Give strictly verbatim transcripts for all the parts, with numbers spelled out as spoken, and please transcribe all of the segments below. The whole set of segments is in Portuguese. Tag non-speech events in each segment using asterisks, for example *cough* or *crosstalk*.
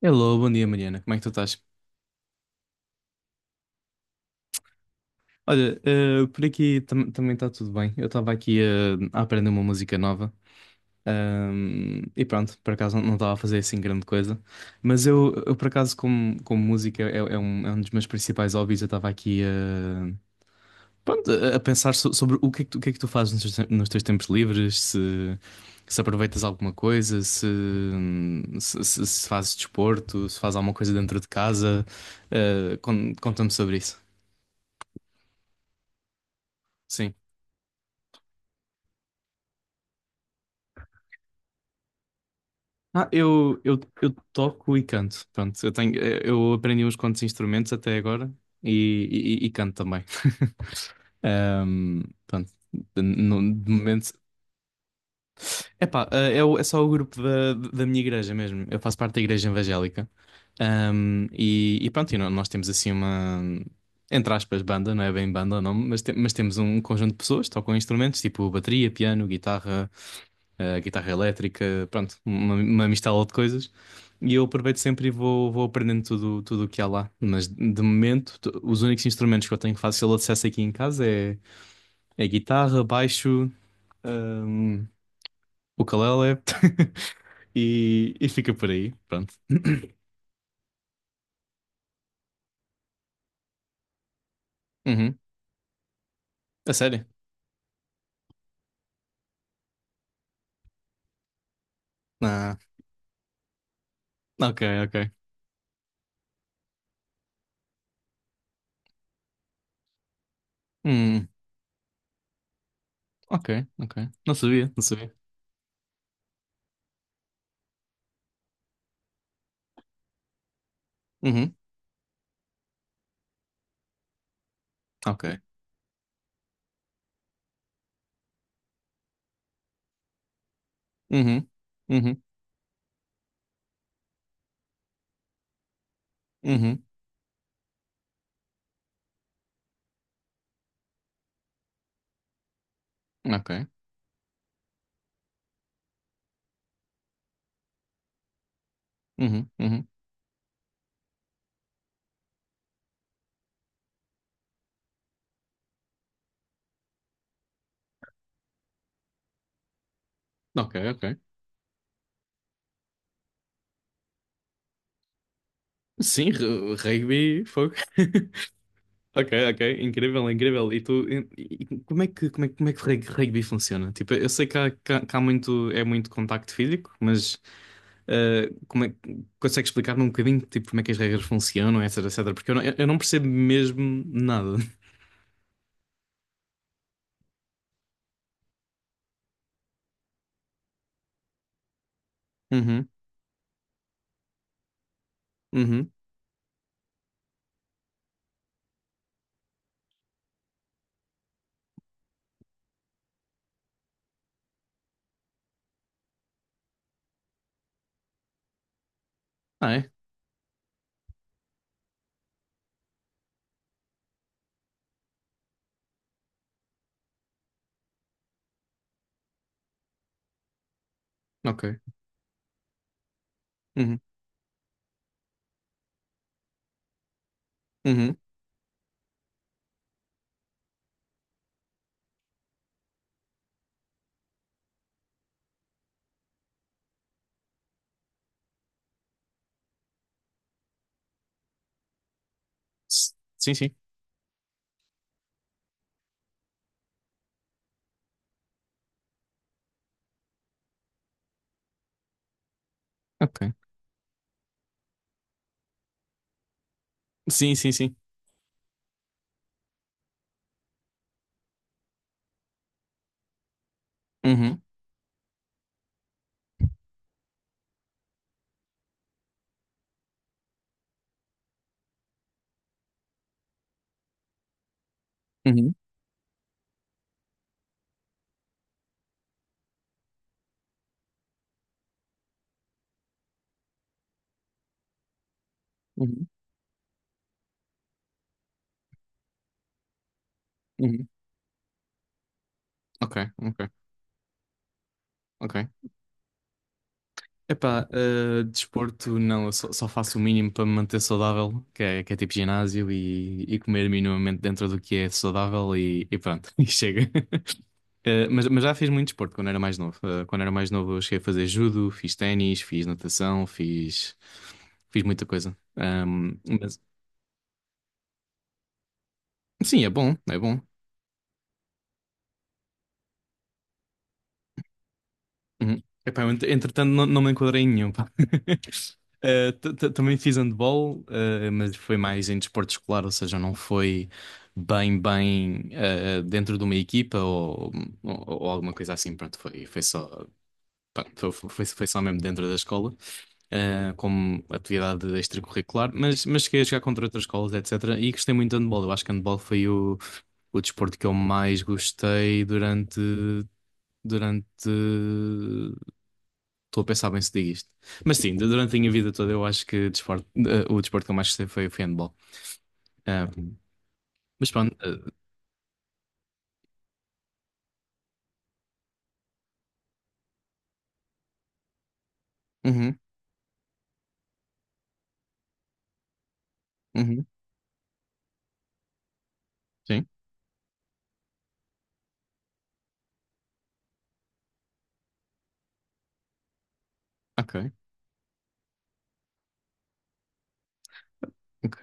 Hello, bom dia Mariana, como é que tu estás? Olha, eh, por aqui tam- também está tudo bem. Eu estava aqui eh, a aprender uma música nova, ahm, e pronto, por acaso não estava a fazer assim grande coisa. Mas eu, eu por acaso, como, como música é, é um, é um dos meus principais hobbies, eu estava aqui eh, pronto, a a pensar so- sobre o que é que tu, o que é que tu fazes nos teus, tem- nos teus tempos livres, se, se aproveitas alguma coisa, se, se, se- se fazes desporto, se fazes alguma coisa dentro de casa. Eh, con- conta-me sobre isso. Sim. Ah, eu, eu, eu toco e canto. Pronto, eu tenho, eh, eu aprendi uns quantos instrumentos até agora e, e, e canto também. *laughs* Ahm, Pronto, de, no- de momento. Epá, eh, é, o- é só o grupo da, da minha igreja mesmo. Eu faço parte da igreja evangélica. Ahm, e, e pronto, e nó- nós temos assim uma, entre aspas, banda, não é bem banda o nome, mas, te- mas temos um conjunto de pessoas que tocam instrumentos, tipo bateria, piano, guitarra, eh, guitarra elétrica, pronto, uma, uma mistela de coisas. E eu aproveito sempre e vou, vou aprendendo tudo tudo o que há lá. Mas de momento, t- os únicos instrumentos que eu tenho fácil acesso aqui em casa é, é guitarra, baixo, hum, o ukulele *laughs* e, e fica por aí, pronto. *coughs* *clears throat* Uhum. A sério? Ah, ok, ok. Hum, ok, ok. Não sabia, não sabia. Uhum, ok. Uhum, uhum, uhum, ok. Uhum, uhum, ok, ok. Sim, ru- rugby, fogo. *laughs* Ok, ok, incrível, incrível. E tu, e- e como é que, como é, que- como é que rug- rugby funciona? Tipo, eu sei que há, que há- que há muito, é muito contacto físico, mas eh, como é, que- consegue explicar-me um bocadinho, tipo, como é que as regras funcionam, etc, etc, porque eu não, eu não percebo mesmo nada. *laughs* Uhum, uhum. Ah, é? Ok. Uhum, uhum. S- Sim, sim. Ok. Sim, sim, sim. Uhum, uhum, uhum, uhum. Ok, ok, ok. Epá, eh, desporto não, eu só, só faço o mínimo para me manter saudável, que é, que é tipo ginásio e, e comer minimamente dentro do que é saudável e, e pronto, *laughs* e chega. Eh, mas, mas já fiz muito desporto quando era mais novo. Eh, quando era mais novo eu cheguei a fazer judo, fiz ténis, fiz natação, fiz, fiz muita coisa. Ahm, mas, sim, é bom, é bom. Uhum. Epá, eu, ent- entretanto não, não me enquadrei em nenhum, pá. *laughs* Uh, t- t- também fiz handball, uh, mas foi mais em desporto escolar, ou seja, não foi bem, bem, uh, dentro de uma equipa ou, ou, ou alguma coisa assim. Pronto, foi, foi só, pá, foi, foi, foi só mesmo dentro da escola, uh, como atividade extracurricular, mas, mas cheguei a jogar contra outras escolas, etcétera. E gostei muito de handball. Eu acho que handball foi o, o desporto que eu mais gostei durante, durante... Estou a pensar bem se digo isto. Mas sim, durante a minha vida toda eu acho que desporto- eh, o desporto que eu mais gostei foi, foi handball. Ah, mas pronto. Eh, uhum, uhum, sim. Ok, ok.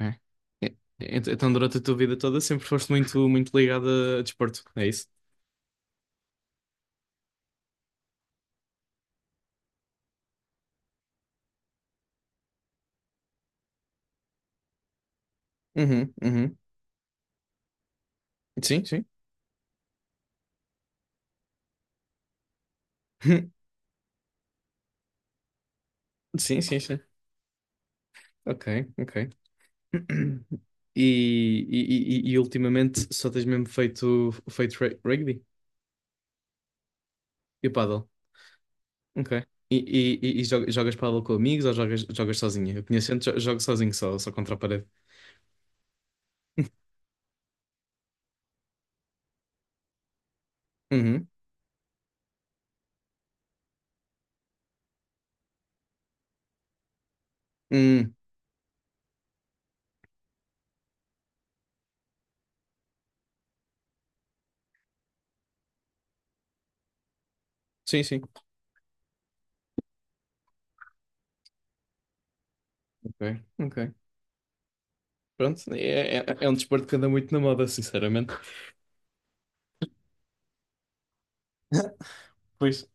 E- ent- Então durante a tua vida toda sempre foste muito, muito ligada a desporto, é isso? Uhum, uhum. Sim, sim. *laughs* Sim, sim, sim. Ok, ok. *clears throat* E, e, e, e ultimamente só tens mesmo feito, feito re- rugby e paddle? Ok. E, e, e e jo- jogas paddle com amigos ou jogas, jogas sozinha? Eu conheço gente, jo- jogo sozinho só, só contra a parede. Uhum. Hum, sim, sim. Ok, ok. Pronto, é, é, é um desporto que anda muito na moda, sinceramente. *laughs* Pois,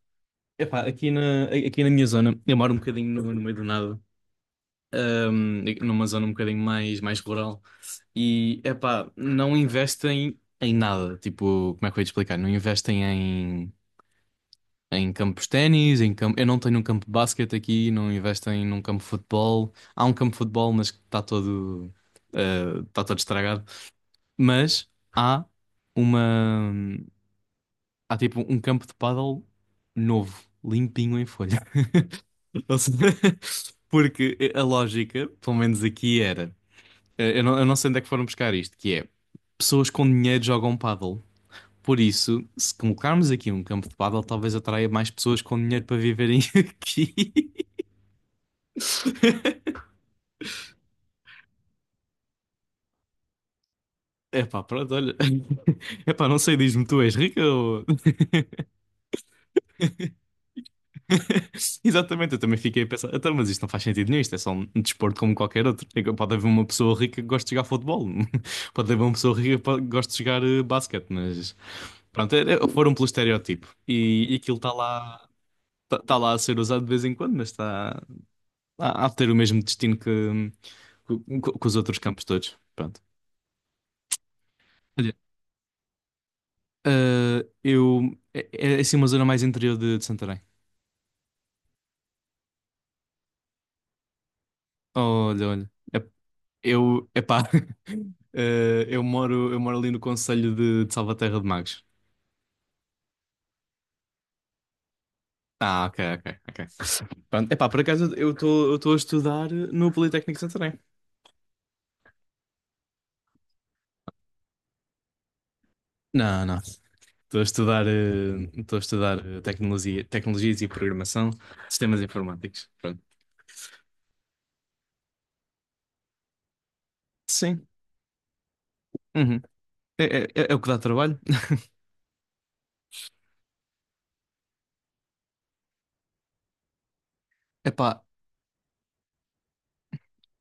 epá, aqui na, aqui na minha zona, eu moro um bocadinho no, no meio do nada, hum, numa zona um bocadinho mais, mais rural, e epá, não investem em nada. Tipo, como é que eu ia te explicar? Não investem em. Em campos de ténis, em campo... eu não tenho um campo de basquete aqui, não investem num campo de futebol. Há um campo de futebol, mas que está todo, eh, está todo estragado. Mas há uma. Há tipo um campo de pádel novo, limpinho em folha. *laughs* Ou seja, *laughs* porque a lógica, pelo menos aqui, era. eh, Eu não, eu não sei onde é que foram buscar isto, que é: pessoas com dinheiro jogam pádel. Por isso, se colocarmos aqui um campo de pádel, talvez atraia mais pessoas com dinheiro para viverem *laughs* aqui. Epá, pronto, olha. *laughs* Epá, não sei, diz-me, tu és rica ou... *laughs* Exatamente, eu também fiquei a pensar, então, mas isto não faz sentido nenhum, isto é só um desporto como qualquer outro. É que pode haver uma pessoa rica que goste de jogar futebol, *laughs* pode haver uma pessoa rica que pode- goste de jogar eh, basquete, mas... Pronto, é- é- foram pelo estereótipo. E, e aquilo está lá, tá, tá lá a ser usado de vez em quando, mas está a, a ter o mesmo destino que, que, que os outros campos todos. Pronto. Olha, eh, eu... É, é assim uma zona mais interior de de Santarém. Olha, olha. É- Eu, epá, *laughs* eh, eu moro, eu moro ali no Conselho de, de Salvaterra de Magos. Ah, ok, ok, ok. Pronto, epá, por acaso eu estou eu estou a estudar no Politécnico de Santarém. Não, não. Estou a estudar, eh, estou a estudar eh, tecnologia, tecnologias e programação, sistemas informáticos. Pronto. Sim. Uhum. É, é, é o que dá trabalho. *laughs* Epá,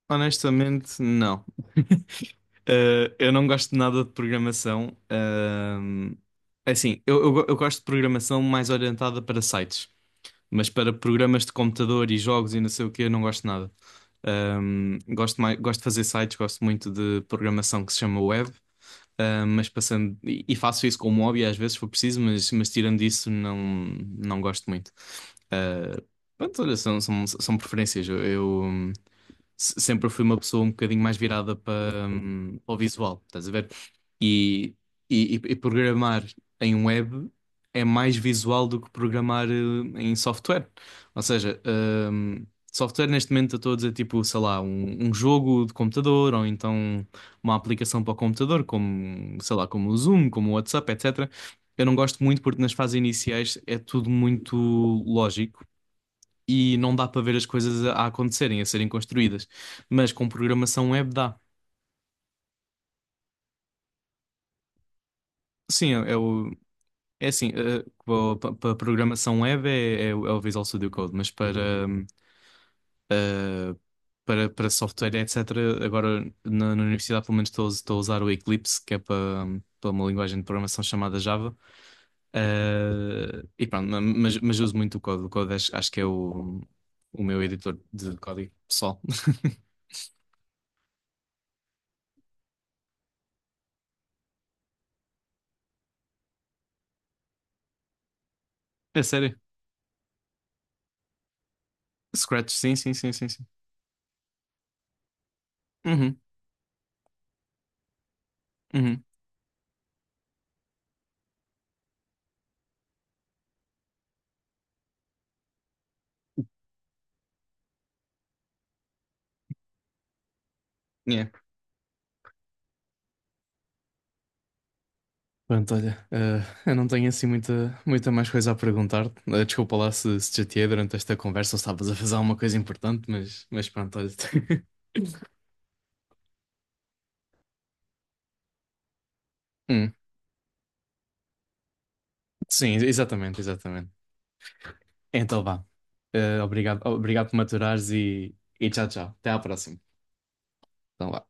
honestamente, não. *laughs* Eh, eu não gosto de nada de programação. Ahm, é assim, eu, eu, go- eu gosto de programação mais orientada para sites, mas para programas de computador e jogos e não sei o que, eu não gosto de nada. Ahm, gosto mais, gosto de fazer sites, gosto muito de programação que se chama web, ahm, mas passando, e, e faço isso como hobby às vezes se for preciso, mas, mas tirando isso, não, não gosto muito. Ah, pronto, olha, são, são, são preferências. Eu, se- sempre fui uma pessoa um bocadinho mais virada para, hum, para o visual, estás a ver? E, e, e- e programar em web é mais visual do que programar eh, em software. Ou seja, hum, software neste momento eu estou a dizer tipo, sei lá, um, um jogo de computador ou então uma aplicação para o computador, como, sei lá, como o Zoom, como o WhatsApp, etcétera. Eu não gosto muito porque nas fases iniciais é tudo muito lógico e não dá para ver as coisas a, a acontecerem, a serem construídas. Mas com programação web dá. Sim, é, é o, é assim, para programação web é, é o é o Visual Studio Code, mas para, hum, ah, para, para software, etcétera, agora na, na universidade pelo menos estou, a us- estou a usar o Eclipse, que é para, hum, para uma linguagem de programação chamada Java. Ah, e pronto, ma- mas, mas uso muito o código. O código acho, acho que é o, o meu editor de código pessoal. *laughs* É sério. Scratch, sim, sim, sim, sim, sim. Uhum, uhum, yeah. Pronto, olha, eh, eu não tenho assim muita, muita mais coisa a perguntar. Eh, desculpa lá se, se te chateei durante esta conversa ou estavas a fazer alguma coisa importante, mas, mas pronto, olha. *laughs* Hum, sim, exatamente, exatamente. Então vá. Eh, obrigado, obrigado por maturares e, e tchau, tchau. Até à próxima. Então vá.